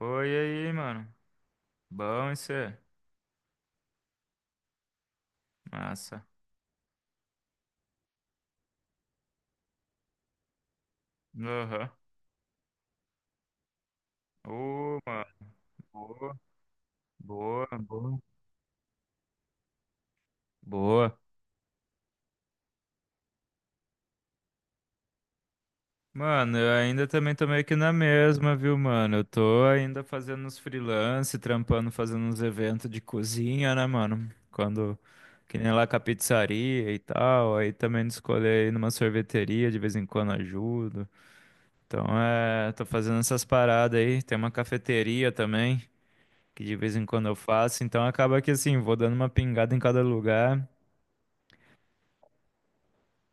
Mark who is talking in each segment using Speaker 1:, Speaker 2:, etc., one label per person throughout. Speaker 1: Oi, e aí, mano. Bom, isso é? Massa. Aham. Ô, mano. Boa, boa, boa. Boa. Mano, eu ainda também tô meio que na mesma, viu, mano? Eu tô ainda fazendo uns freelance, trampando, fazendo uns eventos de cozinha, né, mano? Que nem lá com a pizzaria e tal. Aí também de escolher ir numa sorveteria, de vez em quando ajudo. Então, tô fazendo essas paradas aí. Tem uma cafeteria também, que de vez em quando eu faço, então acaba que, assim, vou dando uma pingada em cada lugar.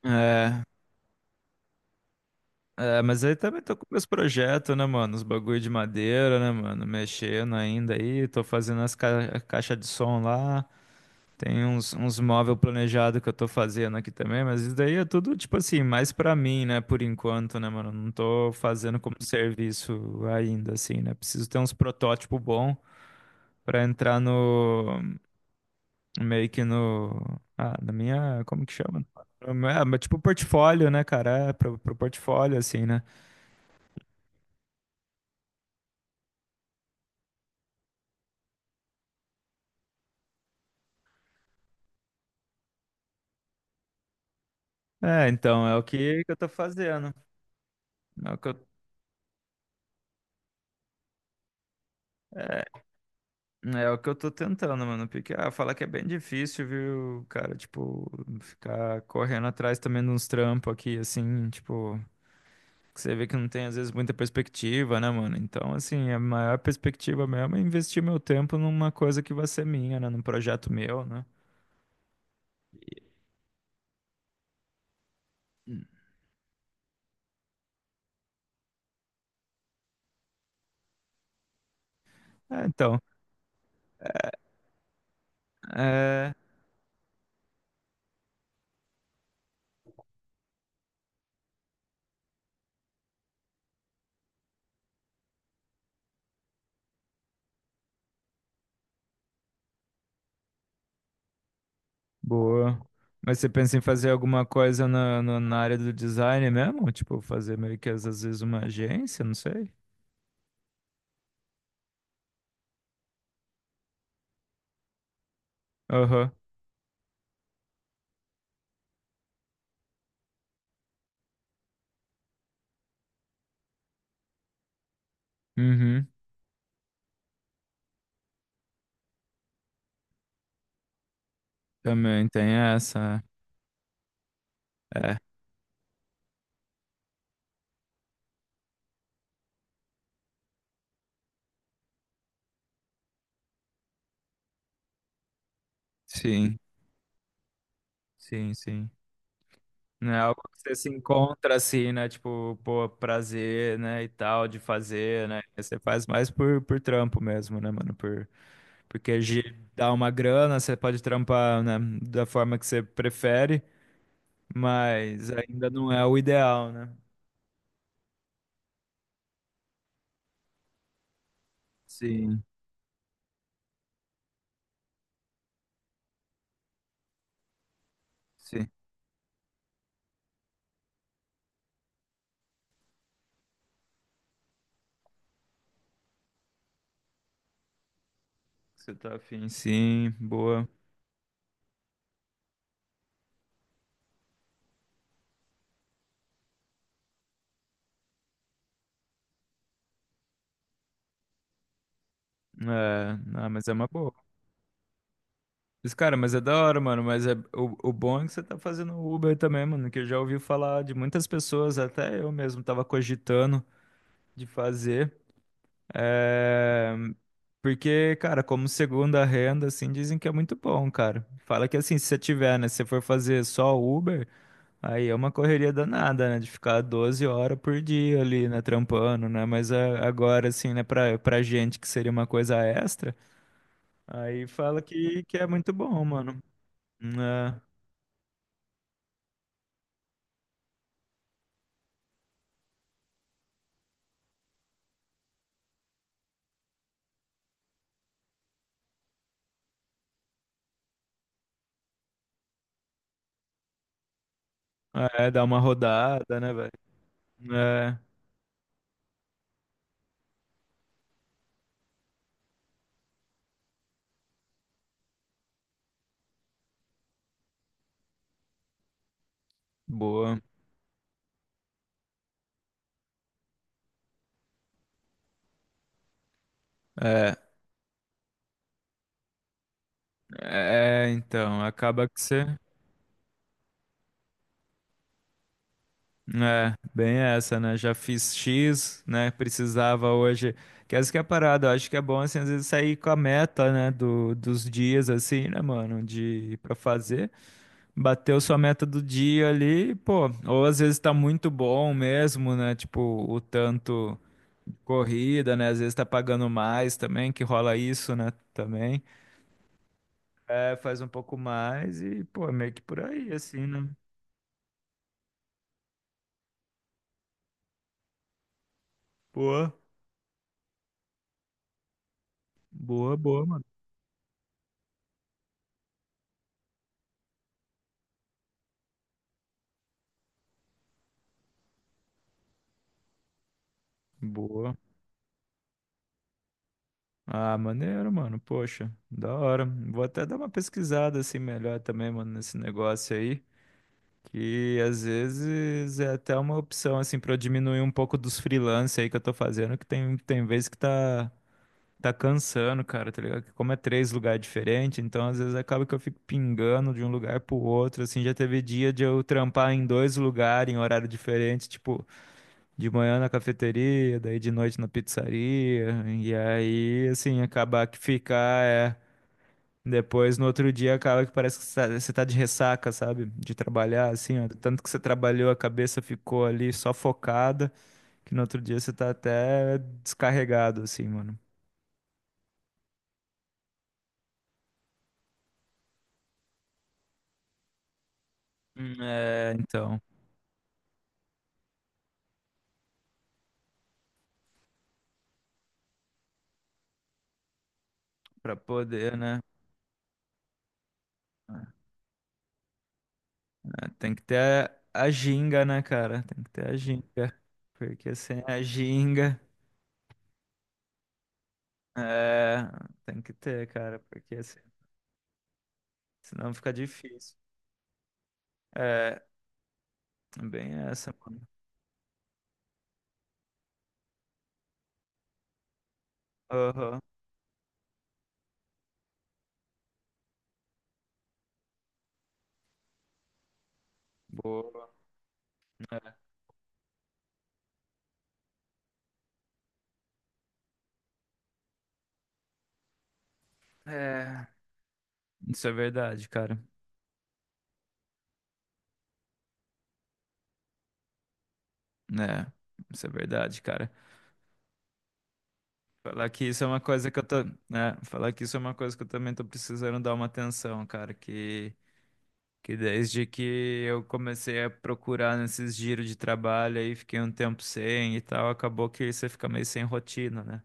Speaker 1: É, é, mas aí também tô com meus projetos, né, mano? Os bagulho de madeira, né, mano? Mexendo ainda aí, tô fazendo as ca caixas de som lá. Tem uns móvel planejado que eu tô fazendo aqui também, mas isso daí é tudo, tipo assim, mais pra mim, né, por enquanto, né, mano? Não tô fazendo como serviço ainda, assim, né? Preciso ter uns protótipos bons pra entrar no, meio que no, ah, na minha. Como que chama? No É, mas tipo portfólio, né, cara? É, pro portfólio, assim, né? É, então, é o que eu tô fazendo. É o que eu, é, É o que eu tô tentando, mano. Porque, ah, falar que é bem difícil, viu, cara? Tipo, ficar correndo atrás também de uns trampos aqui, assim, tipo, que você vê que não tem, às vezes, muita perspectiva, né, mano? Então, assim, a maior perspectiva mesmo é investir meu tempo numa coisa que vai ser minha, né? Num projeto meu, né? É, então, é, boa. Mas você pensa em fazer alguma coisa na área do design mesmo? Tipo, fazer meio que às vezes uma agência, não sei. Aham. Uhum. Também tem essa. É. É. Sim. Sim, sim. Não é algo que você se encontra assim, né? Tipo, pô, prazer, né? E tal, de fazer, né? Você faz mais por trampo mesmo, né, mano? Porque dá uma grana, você pode trampar, né? Da forma que você prefere, mas ainda não é o ideal, né? Sim. Sim, você tá afim, sim, boa. É, ah, mas é uma boa. Mas, cara, mas é da hora, mano. Mas é, o bom é que você tá fazendo Uber também, mano. Que eu já ouvi falar de muitas pessoas, até eu mesmo tava cogitando de fazer. É, porque, cara, como segunda renda, assim, dizem que é muito bom, cara. Fala que, assim, se você tiver, né? Se você for fazer só Uber, aí é uma correria danada, né? De ficar 12 horas por dia ali, né? Trampando, né? Mas agora, assim, né? Pra, pra gente que seria uma coisa extra, aí fala que é muito bom, mano. É, é dar uma rodada, né, velho? É, boa. É, é, então, acaba que você. É, bem essa, né? Já fiz X, né? Precisava hoje. Que essa que é a parada, eu acho que é bom, assim, às vezes sair com a meta, né? Dos dias, assim, né, mano? De, pra fazer. Bateu sua meta do dia ali, pô. Ou às vezes tá muito bom mesmo, né? Tipo, o tanto corrida, né? Às vezes tá pagando mais também, que rola isso, né? Também. É, faz um pouco mais e, pô, é meio que por aí, assim, né? Boa, boa, boa, mano. Boa. Ah, maneiro, mano. Poxa, da hora. Vou até dar uma pesquisada assim melhor também, mano, nesse negócio aí. Que às vezes é até uma opção, assim, pra eu diminuir um pouco dos freelance aí que eu tô fazendo, que tem vezes que tá, tá cansando, cara, tá ligado? Que como é três lugares diferentes, então às vezes acaba que eu fico pingando de um lugar pro outro, assim, já teve dia de eu trampar em dois lugares, em horário diferente, tipo, de manhã na cafeteria, daí de noite na pizzaria, e aí, assim, acabar que ficar, é. Depois, no outro dia, acaba que parece que você tá de ressaca, sabe? De trabalhar, assim, ó. Tanto que você trabalhou, a cabeça ficou ali só focada, que no outro dia você tá até descarregado, assim, mano. É, então, pra poder, né? É, tem que ter a ginga, né, cara? Tem que ter a ginga. Porque sem a ginga, é, tem que ter, cara, porque, assim, senão fica difícil. É, bem essa, mano. Aham, boa. É. Isso é verdade, cara. É, isso é verdade, cara. Falar que isso é uma coisa que eu tô, né, falar que isso é uma coisa que eu também tô precisando dar uma atenção, cara, que desde que eu comecei a procurar nesses giros de trabalho aí, fiquei um tempo sem e tal, acabou que você fica meio sem rotina, né?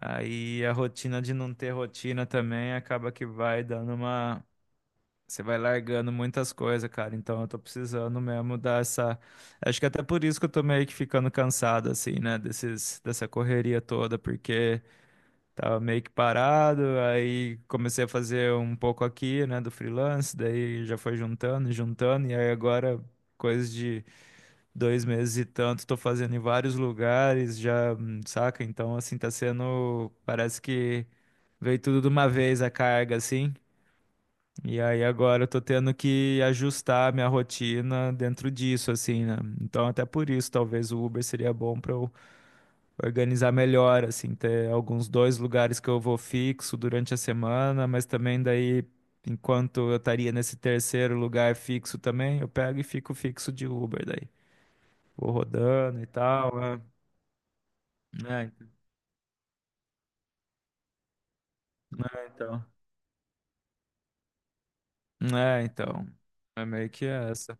Speaker 1: Aí a rotina de não ter rotina também acaba que vai dando uma. Você vai largando muitas coisas, cara. Então eu tô precisando mesmo dar essa. Acho que até por isso que eu tô meio que ficando cansado, assim, né? Desses, dessa correria toda, porque tava meio que parado, aí comecei a fazer um pouco aqui, né, do freelance, daí já foi juntando, e juntando, e aí agora, coisa de 2 meses e tanto, tô fazendo em vários lugares, já, saca? Então, assim, tá sendo. Parece que veio tudo de uma vez a carga, assim. E aí agora eu tô tendo que ajustar a minha rotina dentro disso, assim, né? Então até por isso, talvez o Uber seria bom pra eu organizar melhor, assim, ter alguns dois lugares que eu vou fixo durante a semana, mas também daí, enquanto eu estaria nesse terceiro lugar fixo também, eu pego e fico fixo de Uber daí. Vou rodando e tal, né? É, é, então. É, então. É meio que essa.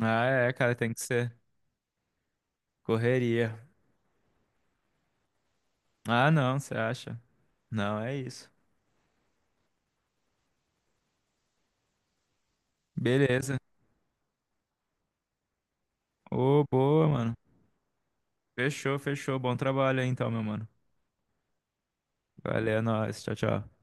Speaker 1: Ah, é, cara, tem que ser correria. Ah, não, você acha? Não, é isso. Beleza. Ô, boa, mano. Fechou, fechou. Bom trabalho aí então, meu mano. Valeu, é nóis. Tchau, tchau.